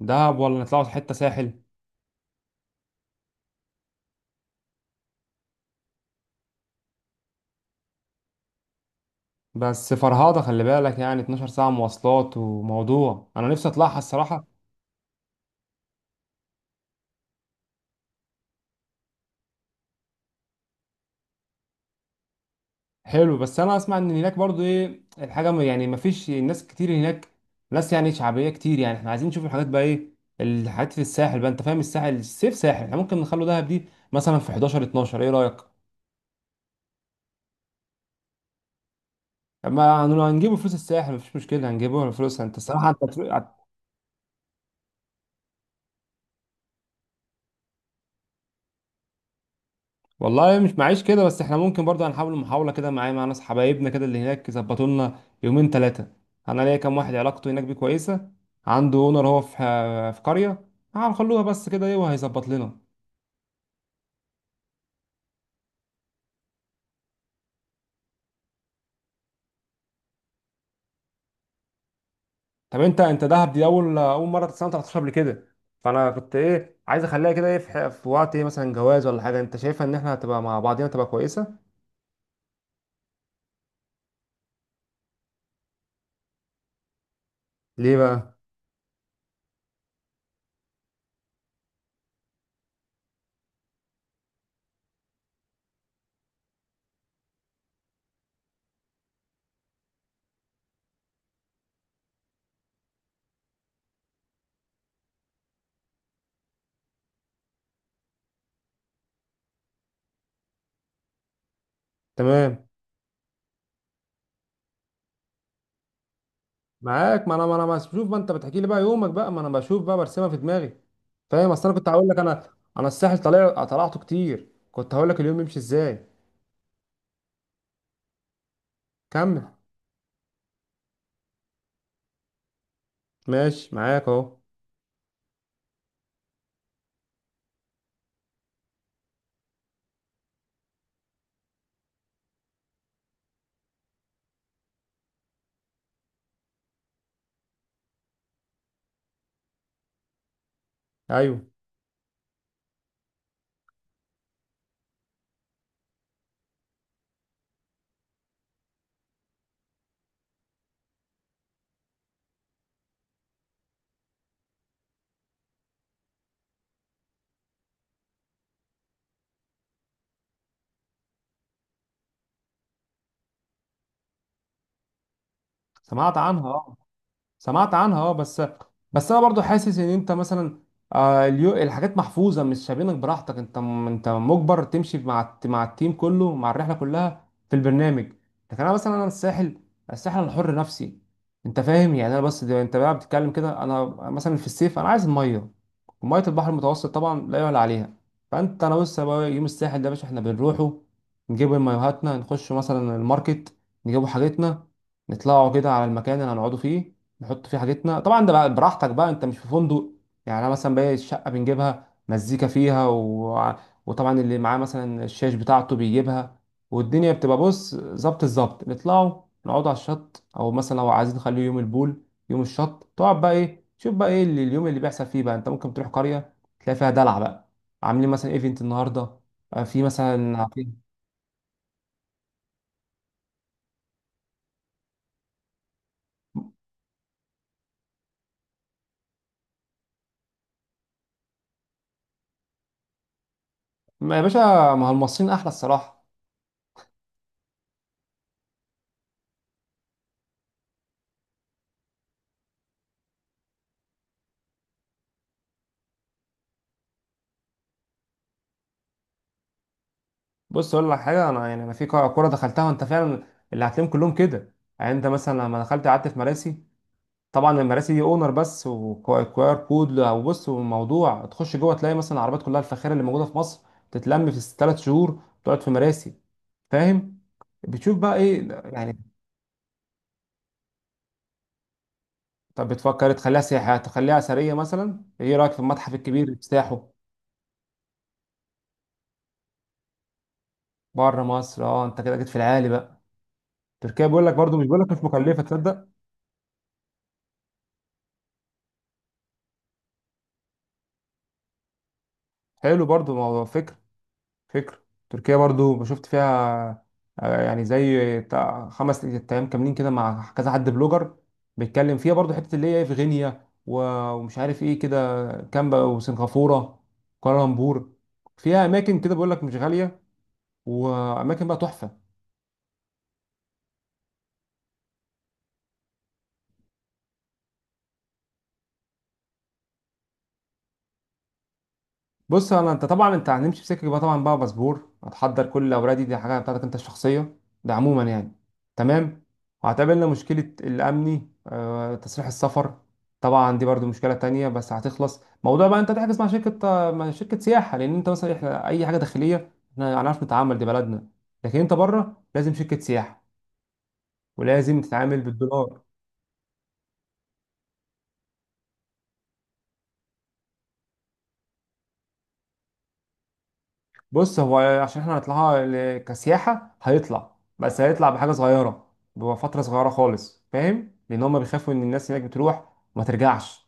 دهب ولا نطلعوا حتة ساحل؟ بس فرهاضة خلي بالك يعني 12 ساعة مواصلات وموضوع أنا نفسي أطلعها الصراحة. حلو، بس أنا أسمع إن هناك برضو إيه الحاجة، يعني مفيش ناس كتير هناك، ناس يعني شعبية كتير، يعني إحنا عايزين نشوف الحاجات بقى إيه الحاجات في الساحل بقى. أنت فاهم الساحل الصيف ساحل، إحنا ممكن نخلو دهب دي مثلا في 11 12، إيه رأيك؟ ما هن- هنجيبوا فلوس الساحل، مفيش مشكلة، هنجيبوا فلوس، أنت الصراحة أنت. والله مش معيش كده، بس احنا ممكن برضه هنحاول محاولة كده، معايا مع ناس حبايبنا كده اللي هناك يظبطوا لنا يومين ثلاثة. انا ليا كام واحد علاقته هناك بيه كويسة، عنده اونر، هو في قرية، هنخلوها بس كده ايه وهيظبط لنا. طب انت دهب دي اول مرة سنة 13 قبل كده، فانا كنت ايه عايز اخليها كده ايه في وقت ايه مثلا جواز ولا حاجة، انت شايفها ان احنا هتبقى مع بعضينا تبقى كويسة. ليه بقى؟ تمام. معاك، ما انا بشوف ما انت بتحكي لي بقى، يومك بقى ما انا بشوف بقى برسمها في دماغي. فاهم، اصل انا كنت هقول لك، انا انا الساحل طلع طلعته كتير، كنت هقول لك اليوم يمشي ازاي. كمل. ماشي معاك اهو. ايوه. سمعت عنها اه. سمعت عنها اه، بس، بس انا برضو حاسس ان انت مثلا، الحاجات محفوظه، مش سايبينك براحتك، انت انت مجبر تمشي مع مع التيم كله مع الرحله كلها في البرنامج. لكن انا مثلا انا الساحل، الساحل انا حر نفسي. انت فاهم يعني، انا بس انت بقى بتتكلم كده انا، مثلا في الصيف انا عايز الميه، وميه البحر المتوسط طبعا لا يعلى عليها. فانت انا بص يا بقى، يوم الساحل ده يا باشا احنا بنروحه، نجيب مايوهاتنا، نخش مثلا الماركت، نجيبوا حاجتنا، نطلعوا كده على المكان اللي هنقعدوا فيه، نحط فيه حاجتنا. طبعا ده بقى براحتك بقى، انت مش في فندق، يعني انا مثلا باقي الشقه بنجيبها مزيكا فيها و... وطبعا اللي معاه مثلا الشاش بتاعته بيجيبها، والدنيا بتبقى بص ظبط الظبط. نطلعوا نقعدوا على الشط، او مثلا لو عايزين نخليه يوم البول، يوم الشط، تقعد بقى ايه، شوف بقى ايه اللي اليوم اللي بيحصل فيه بقى، انت ممكن تروح قريه تلاقي فيها دلع بقى، عاملين مثلا ايفنت النهارده، في مثلا في. ما يا باشا، ما هو المصريين احلى الصراحه. بص اقول لك حاجه، انا يعني انا في كورة دخلتها، وانت فعلا اللي هتلاقيهم كلهم كده. يعني انت مثلا لما دخلت قعدت في مراسي، طبعا المراسي دي اونر بس وكوار كود، او بص وموضوع تخش جوه تلاقي مثلا العربيات كلها الفاخره اللي موجوده في مصر تتلم في 3 شهور تقعد في مراسي. فاهم، بتشوف بقى ايه يعني. طب بتفكر تخليها سياحه، تخليها اثريه مثلا، ايه رايك في المتحف الكبير اللي افتتاحه؟ بره مصر، اه انت كده جيت في العالي بقى. تركيا بيقول لك برضو، مش بيقول لك مش مكلفه، تصدق. حلو برضو، موضوع فكره، فكرة. تركيا برضو شفت فيها، يعني زي 5 ايام كاملين كده، مع كذا حد بلوجر بيتكلم فيها برضو، حتة اللي هي إيه في غينيا ومش عارف ايه كده، كامبا وسنغافورة، كوالالمبور، فيها اماكن كده بيقول لك مش غالية، واماكن بقى تحفة. بص انا، انت طبعا انت هنمشي في سكه بقى، طبعا بقى باسبور هتحضر كل الاوراق دي، دي حاجه بتاعتك انت الشخصيه، ده عموما يعني. تمام. وهتقابلنا مشكله الامني، تصريح السفر، طبعا دي برضو مشكله تانية بس هتخلص. موضوع بقى انت تحجز مع شركه آه، مع شركه سياحه، لان انت مثلا احنا اي حاجه داخليه احنا هنعرف نتعامل، دي بلدنا، لكن انت بره لازم شركه سياحه، ولازم تتعامل بالدولار. بص هو عشان احنا هنطلعها كسياحة هيطلع، بس هيطلع بحاجة صغيرة، بفترة صغيرة خالص، فاهم، لأن هما بيخافوا إن الناس هناك بتروح وما ترجعش.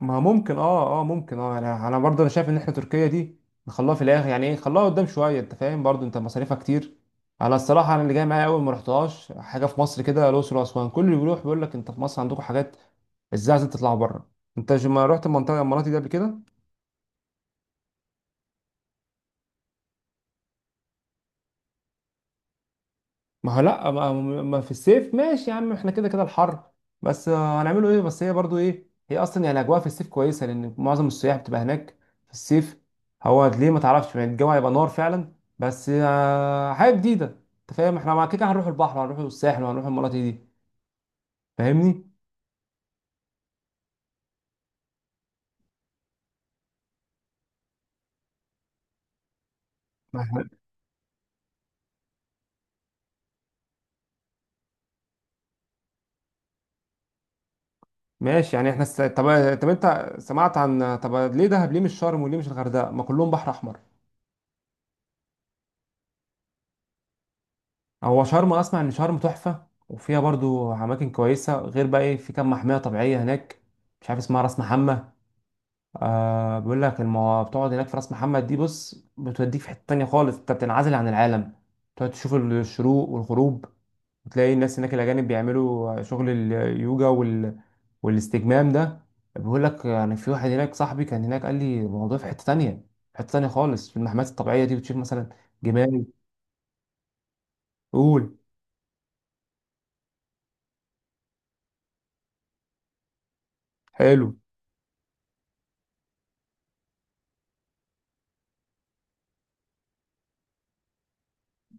ما ممكن، اه ممكن اه، أنا برضه أنا شايف إن احنا تركيا دي نخلوها في الآخر، يعني إيه نخلوها قدام شوية، أنت فاهم برضه أنت مصاريفها كتير. أنا الصراحة أنا اللي جاي معايا، أول ما رحتهاش حاجة في مصر كده الأقصر وأسوان، كل اللي بيروح بيقول لك أنت في مصر عندكم حاجات، إزاي عايزين تطلعوا بره. أنت ما رحت المنطقة، المناطق دي قبل كده. ما هو لا ما في الصيف ماشي يا عم، احنا كده كده الحر، بس هنعمله ايه، بس هي برضو ايه، هي اصلا يعني الاجواء في الصيف كويسه لان معظم السياح بتبقى هناك في الصيف. هو ليه ما تعرفش يعني، الجو هيبقى نار فعلا، بس حاجه جديده. انت فاهم احنا مع كده هنروح البحر وهنروح الساحل وهنروح المناطق دي، فاهمني. ما إحنا- ماشي يعني احنا طب. طب انت سمعت عن، طب ليه دهب، ليه مش شرم وليه مش الغردقه، ما كلهم بحر احمر. هو شرم اسمع ان شرم تحفه، وفيها برضو اماكن كويسه، غير بقى ايه في كام محميه طبيعيه هناك، مش عارف اسمها راس محمد. آه بيقول لك بتقعد هناك في راس محمد دي، بص بتوديك في حته تانية خالص، انت بتنعزل عن العالم، تقعد تشوف الشروق والغروب، وتلاقي الناس هناك الاجانب بيعملوا شغل اليوجا وال... والاستجمام ده. بيقول لك يعني، في واحد هناك صاحبي كان هناك قال لي الموضوع في حته تانية، في حته تانية خالص، في المحميات الطبيعيه دي بتشوف مثلا جمال. قول. حلو.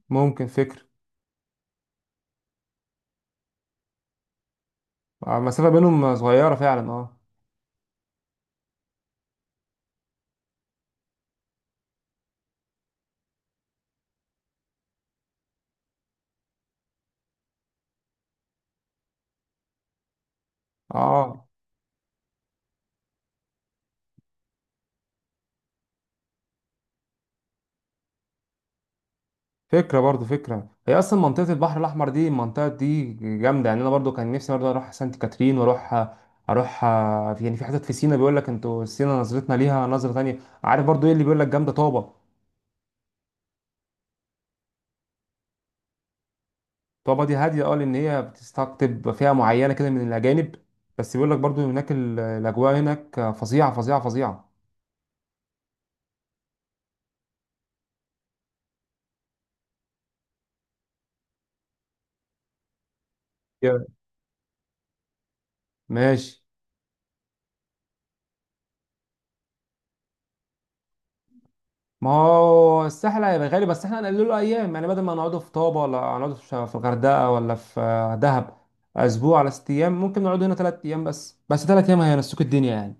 ممكن فكرة. المسافة بينهم صغيرة فعلا اه. اه فكرة برضو فكرة، هي أصلا منطقة البحر الأحمر دي، المنطقة دي جامدة يعني، أنا برضو كان نفسي برضو أروح سانت كاترين، وأروح يعني في حتت في سينا، بيقول لك أنتوا سينا نظرتنا ليها نظرة تانية. عارف برضو إيه اللي بيقول لك، جامدة طابة. طابة دي هادية أه، لأن هي بتستقطب فئة معينة كده من الأجانب، بس بيقول لك برضو هناك الأجواء هناك فظيعة فظيعة فظيعة. يا- ماشي. ما هو الساحل هيبقى غالي، بس احنا هنقلله له ايام يعني، بدل ما نقعده في طابة ولا نقعده في في الغردقة ولا في دهب اسبوع على 6 ايام، ممكن نقعد هنا 3 ايام بس 3 ايام هينسوك الدنيا يعني.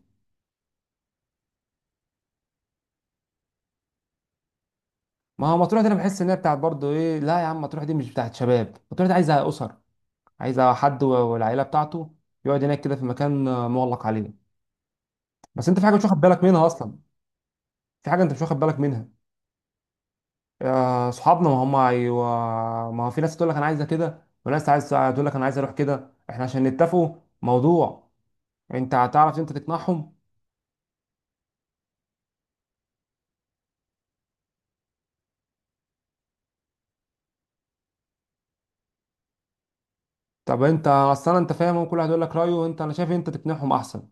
ما هو مطروح دي انا بحس ان هي بتاعت برضه ايه، لا يا عم مطروح دي مش بتاعت شباب، مطروح دي عايزه اسر، عايزه حد والعيله بتاعته يقعد هناك كده في مكان مغلق عليه. بس انت في حاجه مش واخد بالك منها اصلا، في حاجه انت مش واخد بالك منها. يا اصحابنا ما هم ايوه، ما هو في ناس تقول لك انا عايزه كده، وناس عايز تقول لك انا عايز اروح كده، احنا عشان نتفقوا موضوع، انت هتعرف انت تقنعهم. طب انت اصلا انت فاهم، وكل واحد يقول لك رايه، وانت انا شايف انت تقنعهم احسن.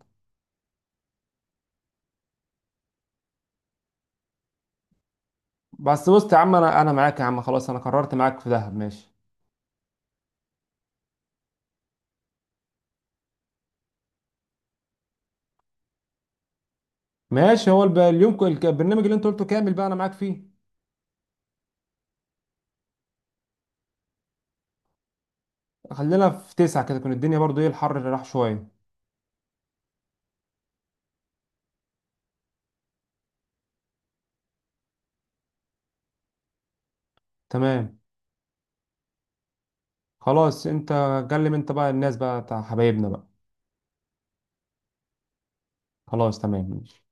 بس بص يا عم، انا معاك يا عم، خلاص انا قررت معاك في دهب، ماشي. ماشي. هو اليوم البرنامج اللي انت قلته كامل بقى انا معاك فيه. خلينا في تسعة كده تكون الدنيا برضو ايه الحر اللي راح شويه. تمام. خلاص انت، كلم انت بقى الناس بقى بتاع حبايبنا بقى. خلاص تمام ماشي.